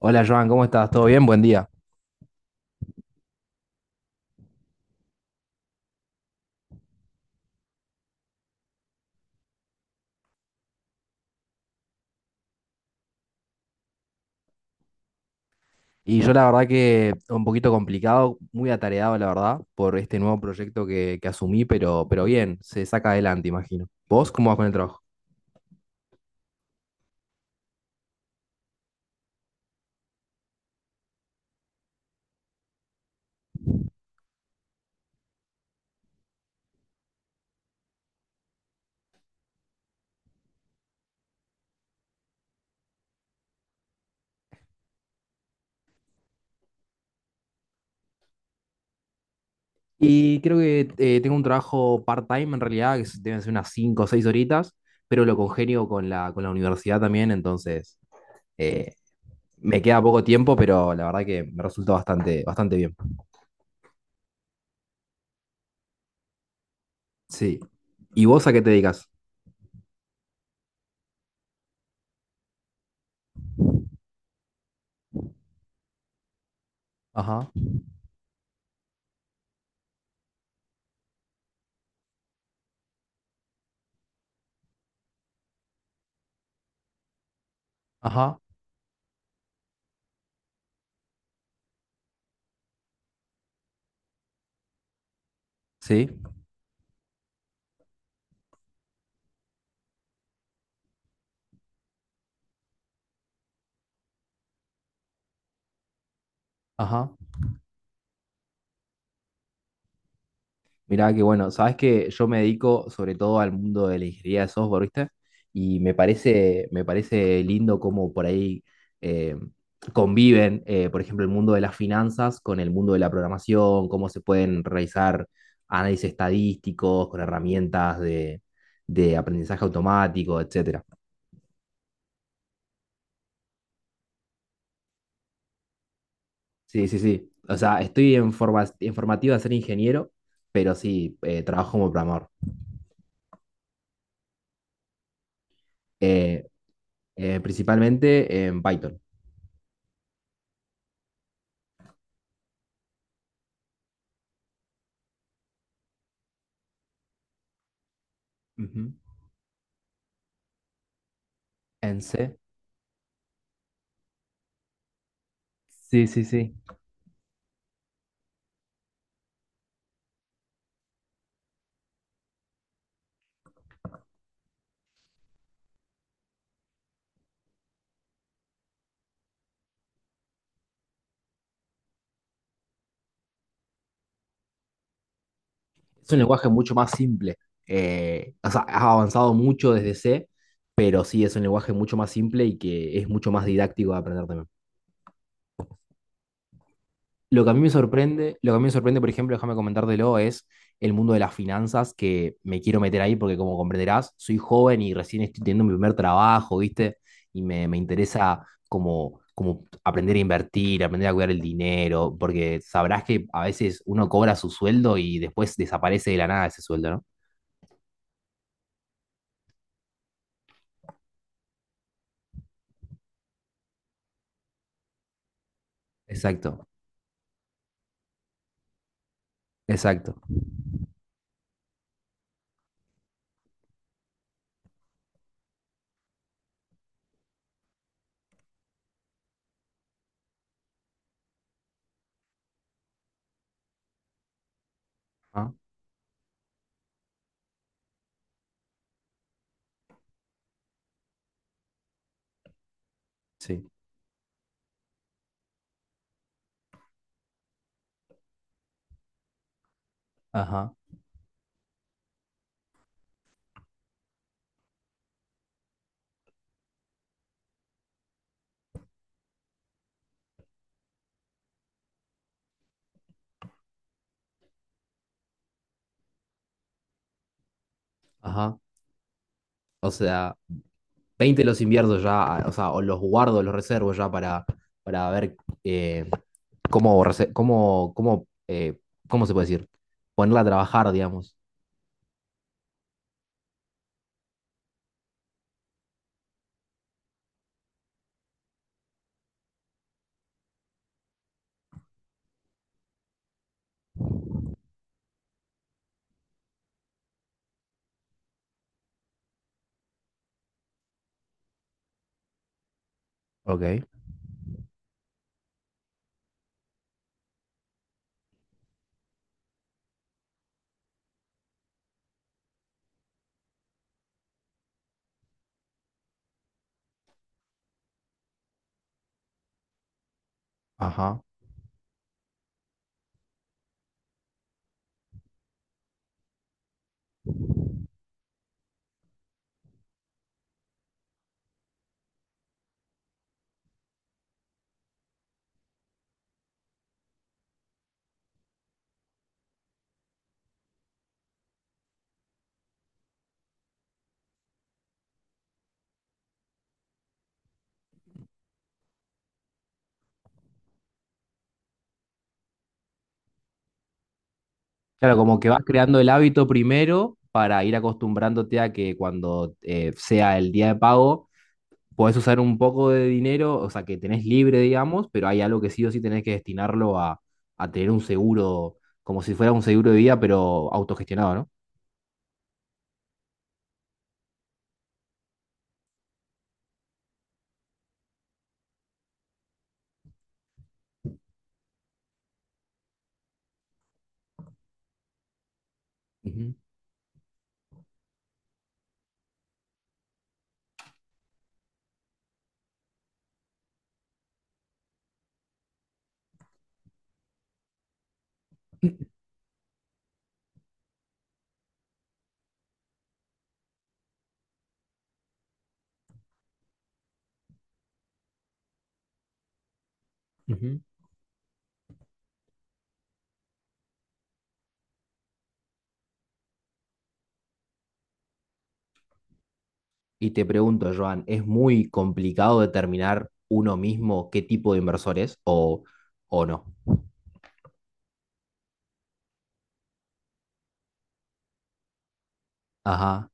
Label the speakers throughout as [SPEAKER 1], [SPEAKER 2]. [SPEAKER 1] Hola Joan, ¿cómo estás? ¿Todo bien? Buen día. Y yo la verdad que un poquito complicado, muy atareado la verdad, por este nuevo proyecto que asumí, pero bien, se saca adelante, imagino. ¿Vos cómo vas con el trabajo? Y creo que tengo un trabajo part-time en realidad, deben ser unas 5 o 6 horitas, pero lo congenio con la universidad también, entonces eh, me queda poco tiempo, pero la verdad que me resulta bastante, bastante bien. Sí. ¿Y vos a qué te dedicas? Ajá, ajá, sí, ajá. Mirá que bueno, sabes que yo me dedico sobre todo al mundo de la ingeniería de software, ¿viste? Y me parece lindo cómo por ahí eh, conviven, por ejemplo, el mundo de las finanzas con el mundo de la programación, cómo se pueden realizar análisis estadísticos con herramientas de aprendizaje automático, etcétera. Sí, sí, sí. O sea, estoy en forma, en formativa de ser ingeniero, pero sí, trabajo como programador. Eh, Principalmente en Python. Ujú. En C. Sí, sí, sí. Es un lenguaje mucho más simple. O sea, has avanzado mucho desde C, pero sí es un lenguaje mucho más simple y que es mucho más didáctico de aprender también. Lo que a mí me sorprende, lo que a mí me sorprende, por ejemplo, déjame comentártelo, es el mundo de las finanzas que me quiero meter ahí porque, como comprenderás, soy joven y recién estoy teniendo mi primer trabajo, ¿viste? Y me interesa como, como aprender a invertir, aprender a cuidar el dinero, porque sabrás que a veces uno cobra su sueldo y después desaparece de la nada ese sueldo, ¿no? Exacto, exacto. Ajá, sí, ajá, ajá. O sea, 20 los invierto ya, ah, o sea, o los guardo, los reservo ya para ver eh, cómo, rese- cómo, cómo, cómo se puede decir, ponerla a trabajar, digamos. Ok, ajá. Claro, como que vas creando el hábito primero para ir acostumbrándote a que cuando sea el día de pago podés usar un poco de dinero, o sea, que tenés libre, digamos, pero hay algo que sí o sí tenés que destinarlo a tener un seguro, como si fuera un seguro de vida, pero autogestionado, ¿no? Ujú, ujú. Y te pregunto, Joan, ¿es muy complicado determinar uno mismo qué tipo de inversor es, o no? Ajá,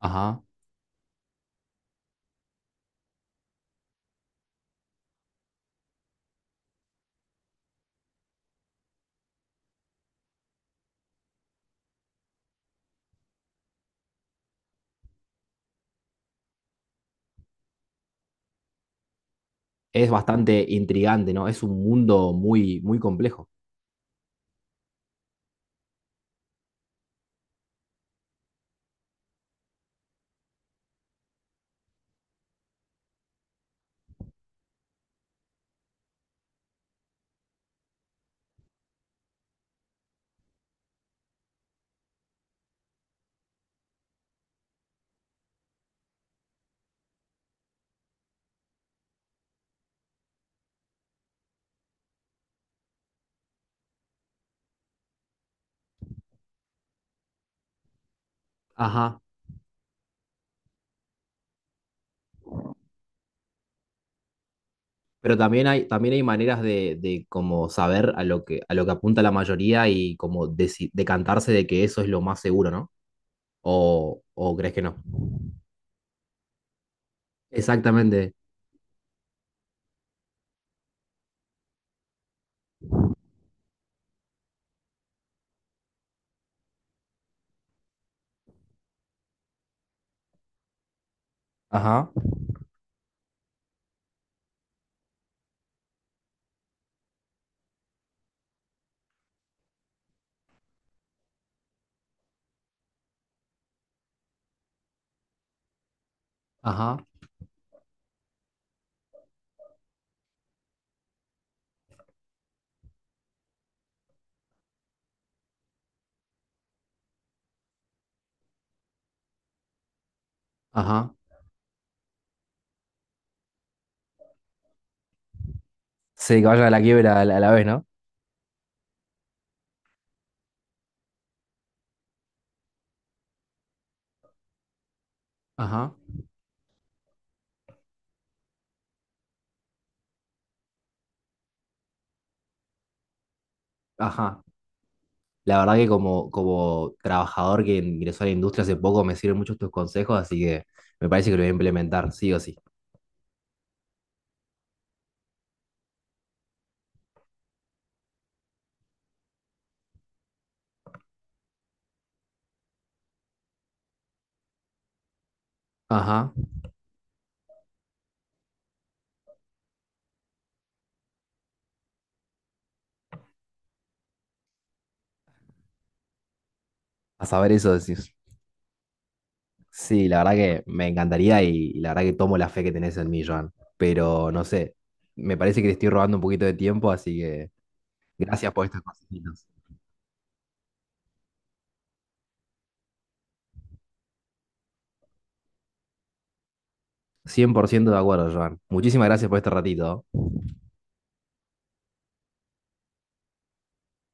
[SPEAKER 1] ajá. Es bastante intrigante, ¿no? Es un mundo muy, muy complejo. Ajá. Pero también hay maneras de como saber a lo que apunta la mayoría y como decantarse de que eso es lo más seguro, ¿no? O crees que no? Exactamente. Ajá, ajá, ajá. Sí, que vayan a la quiebra a la vez, ¿no? Ajá, ajá. La verdad que como, como trabajador que ingresó a la industria hace poco me sirven muchos tus consejos, así que me parece que lo voy a implementar, sí o sí. Ajá. A saber eso decís. Sí, la verdad que me encantaría y la verdad que tomo la fe que tenés en mí, Joan. Pero no sé, me parece que te estoy robando un poquito de tiempo, así que gracias por estas cositas. 100% de acuerdo, Joan. Muchísimas gracias por este ratito.